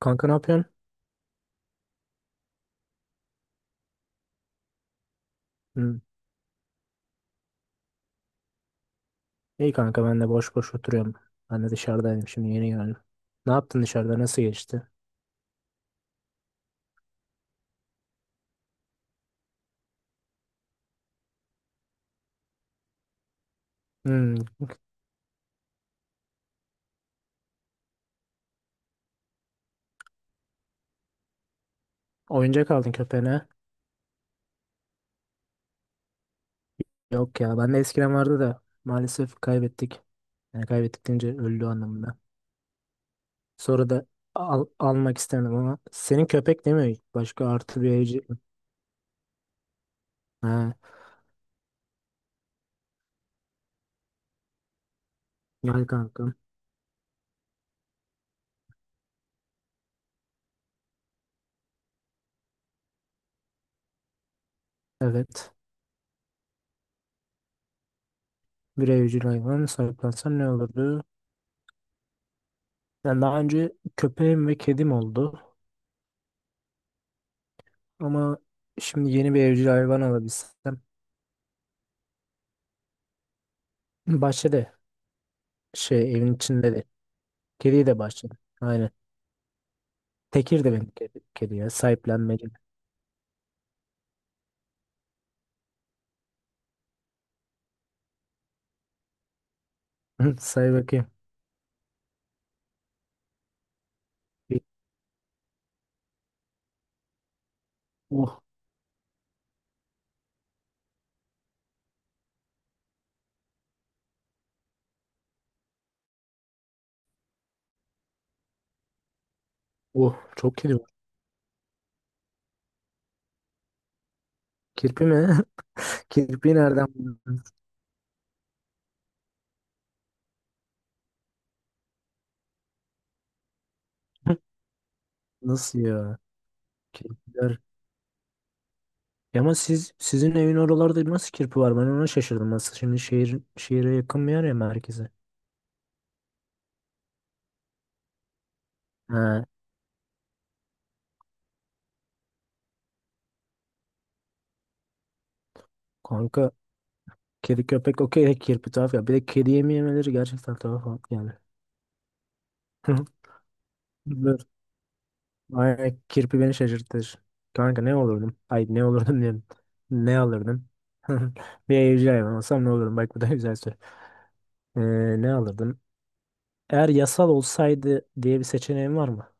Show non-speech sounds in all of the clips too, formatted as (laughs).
Kanka ne yapıyorsun? Hı. İyi kanka, ben de boş boş oturuyorum. Ben de dışarıdaydım, şimdi yeni geldim. Ne yaptın dışarıda, nasıl geçti? Hı. Oyuncak aldın köpeğine. Yok ya, ben de eskiden vardı da maalesef kaybettik. Yani kaybettik deyince öldü anlamında. Sonra da almak istemedim ama senin köpek değil mi? Başka artı bir evcil. Ha, gel kankam. Evet. Bir evcil hayvan sahiplensen ne olurdu? Yani daha önce köpeğim ve kedim oldu. Ama şimdi yeni bir evcil hayvan alabilsem. Bahçede şey evin içinde de. Kediyi de bahçede. Aynen. Tekir de benim kedi, kedi ya. Sahiplenmeli. Hı, say bakayım. Bir- Oh oh çok kedi var. Kirpi mi? (laughs) Kirpi nereden buldun? (laughs) Nasıl ya? Kirpiler. Ya ama sizin evin oralarda nasıl kirpi var? Ben ona şaşırdım. Nasıl şimdi şehir şehire yakın bir yer ya, merkeze. Ha, kanka kedi köpek okey de kirpi tuhaf ya. Bir de kedi yemeyemeleri gerçekten tuhaf yani. (laughs) (laughs) Ay, kirpi beni şaşırtır. Kanka ne olurdum? Ay ne olurdum diyorum. Ne alırdım? (laughs) Bir evcil hayvan olsam ne olurdum? Bak bu da (laughs) güzel soru. Ee, Ne alırdım? Eğer yasal olsaydı diye bir seçeneğim var mı?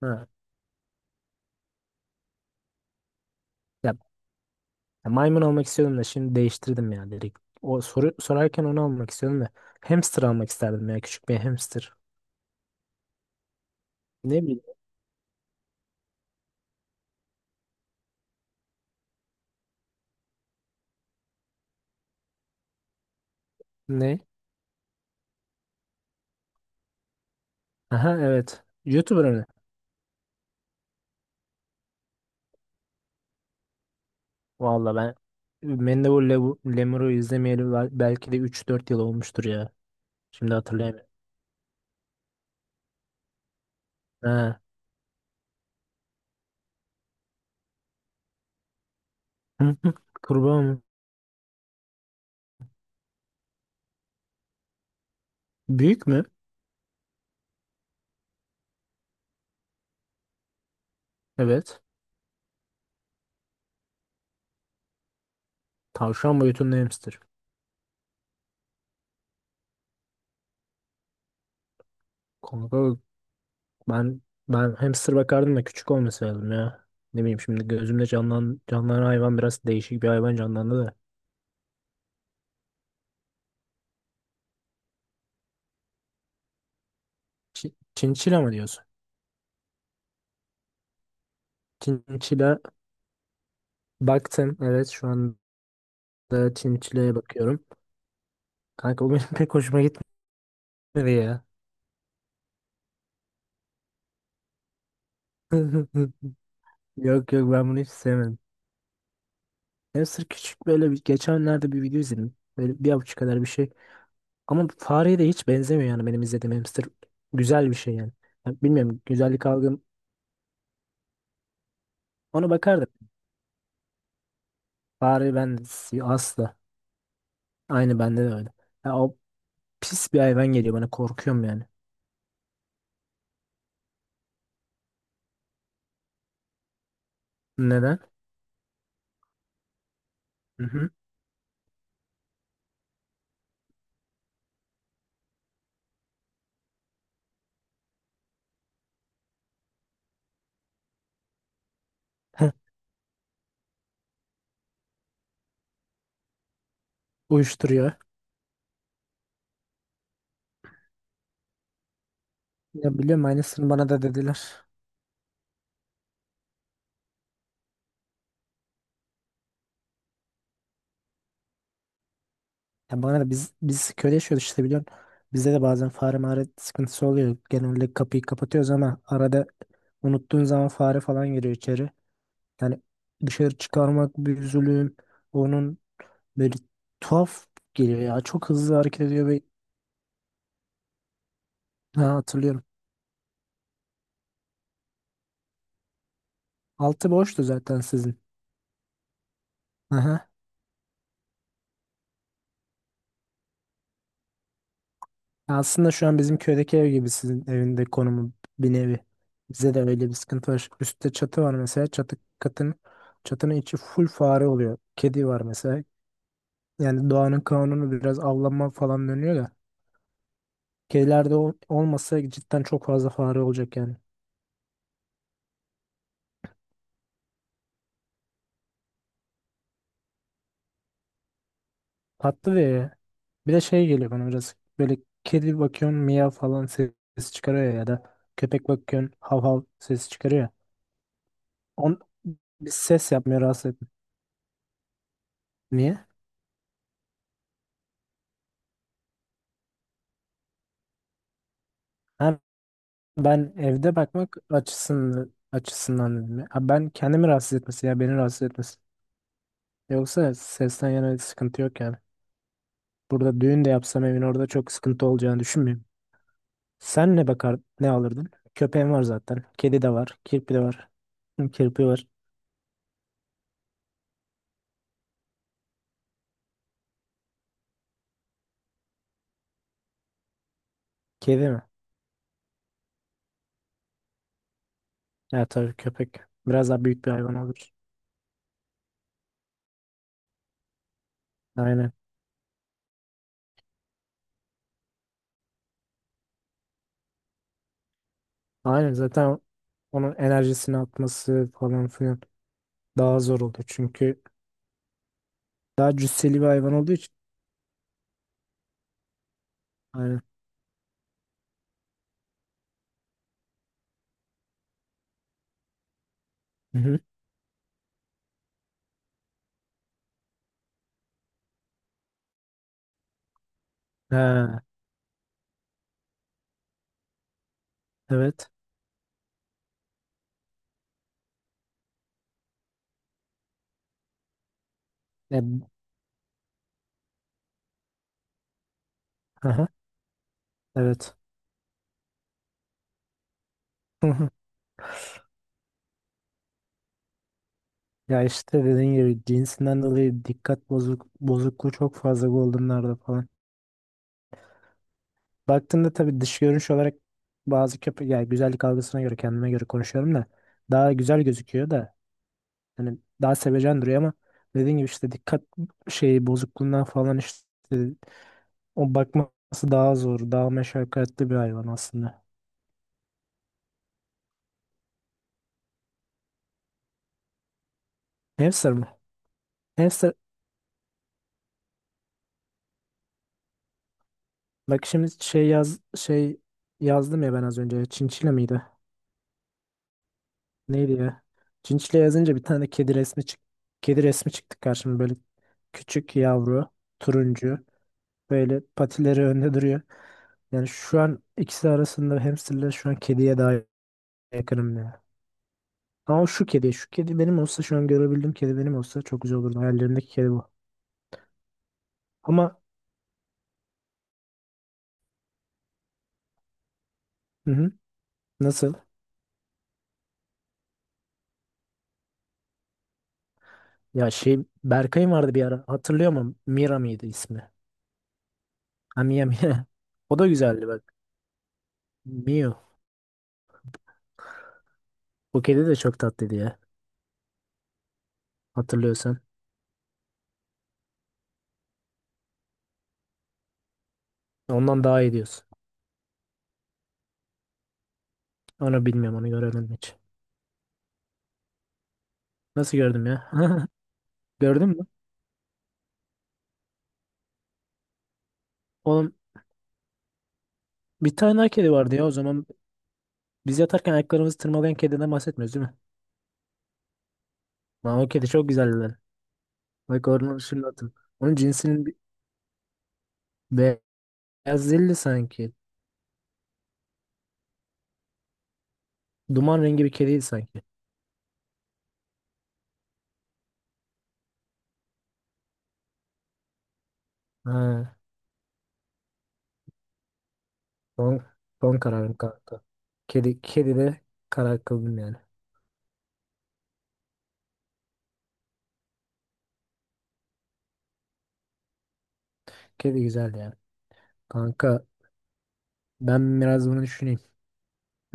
Ha. Ya, ya maymun almak istiyordum da şimdi değiştirdim ya, direkt. O soru sorarken onu almak istiyordum da. Hamster almak isterdim ya, küçük bir hamster. Ne bileyim. Ne? Aha evet. YouTuber mı? Valla ben Mendebur Lemur'u izlemeyeli belki de üç dört yıl olmuştur ya. Şimdi hatırlayamıyorum. He. (laughs) Kurbağa mı? Büyük mü? Evet. Tavşan boyutunda hamster. Kanka ben ben hamster bakardım da küçük olması lazım ya. Ne bileyim, şimdi gözümde canlanan hayvan biraz değişik bir hayvan canlandı da. Çinçila mı diyorsun? Çinçila baktım. Evet şu anda çinçilaya bakıyorum. Kanka bu benim (laughs) pek hoşuma gitmedi ya. (laughs) Yok yok, ben bunu hiç sevmedim. Hamster küçük böyle, bir geçenlerde bir video izledim. Böyle bir avuç kadar bir şey. Ama fareye de hiç benzemiyor yani benim izlediğim hamster. Güzel bir şey yani. Ya bilmiyorum, güzellik algım ona bakardım. Fare, ben asla. Aynı bende de öyle. Ya o pis bir hayvan geliyor bana, korkuyorum yani. Neden? Hı hı. Heh, uyuşturuyor. Ya biliyorum, aynısını bana da dediler. Ya bana da, biz köyde yaşıyoruz işte, biliyorsun. Bizde de bazen fare mağara sıkıntısı oluyor. Genelde kapıyı kapatıyoruz ama arada unuttuğun zaman fare falan giriyor içeri. Yani dışarı çıkarmak bir zulüm. Onun böyle tuhaf geliyor ya. Çok hızlı hareket ediyor ve ha, hatırlıyorum. Altı boştu zaten sizin. Aha. Aslında şu an bizim köydeki ev gibi sizin evinde konumu, bir nevi. Bize de öyle bir sıkıntı var. Üstte çatı var mesela. Çatının içi full fare oluyor. Kedi var mesela. Yani doğanın kanunu biraz avlanma falan dönüyor da. Kedilerde olmasa cidden çok fazla fare olacak yani. Tatlı ve bir de şey geliyor bana biraz böyle; kedi bakıyorsun, miyav falan ses çıkarıyor ya, ya da köpek bakıyorsun, hav hav ses çıkarıyor ya. On, Bir ses yapmıyor, rahatsız etmiyor. Niye? Ha, ben evde bakmak açısından dedim ya. Ha, ben kendimi rahatsız etmesi ya beni rahatsız etmesi. Yoksa sesten yana bir sıkıntı yok yani. Burada düğün de yapsam evin orada çok sıkıntı olacağını düşünmüyorum. Sen ne bakar, ne alırdın? Köpeğin var zaten. Kedi de var. Kirpi de var. Hı, kirpi var. Kedi mi? Ya tabii köpek. Biraz daha büyük bir hayvan olur. Aynen. Aynen, zaten onun enerjisini atması falan filan daha zor olur. Çünkü daha cüsseli bir hayvan olduğu için. Aynen. Hı hı. Ha, evet. E, aha, evet. (laughs) Ya işte dediğin gibi cinsinden dolayı dikkat bozukluğu çok fazla Golden'larda falan. Baktığında tabii dış görünüş olarak bazı köpek, yani güzellik algısına göre, kendime göre konuşuyorum da, daha güzel gözüküyor da, hani daha sevecen duruyor ama, dediğim gibi işte dikkat şeyi bozukluğundan falan işte, o bakması daha zor, daha meşakkatli bir hayvan aslında. Hamster mı? Hamster, bak şimdi şey şey yazdım ya ben az önce. Çinçile miydi? Neydi ya? Çinçile yazınca bir tane kedi resmi çıktı karşıma böyle, küçük yavru, turuncu, böyle patileri önde duruyor. Yani şu an ikisi arasında hamsterle, şu an kediye daha yakınım ya. Ama şu kedi benim olsa, şu an görebildiğim kedi benim olsa çok güzel olurdu. Hayallerimdeki kedi bu. Ama hı hı, nasıl? Ya şey, Berkay'ın vardı bir ara. Hatırlıyor musun? Mira mıydı ismi? Ha, Mia Mia. (laughs) O da güzeldi bak. Mio. O kedi de çok tatlıydı ya. Hatırlıyorsan. Ondan daha iyi diyorsun. Onu bilmiyorum, onu göremedim hiç. Nasıl gördüm ya? (laughs) Gördün mü? Oğlum, bir tane daha kedi vardı ya o zaman. Biz yatarken ayaklarımızı tırmalayan kediden bahsetmiyoruz değil mi? Lan o kedi çok güzeldi lan. Bak onu şimdi hatırladım. Onun cinsinin bir- Ya zilli sanki. Duman rengi bir kediydi sanki. Ha, son, son kararım kanka. Kedi, kedi de karar kıldım yani. Kedi güzeldi yani. Kanka ben biraz bunu düşüneyim.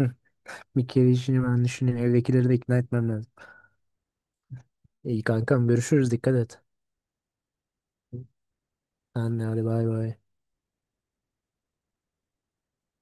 Hı, bir kedi işini ben düşüneyim. Evdekileri de ikna etmem lazım. İyi kankam, görüşürüz, dikkat et. Sen de hadi, bay bay.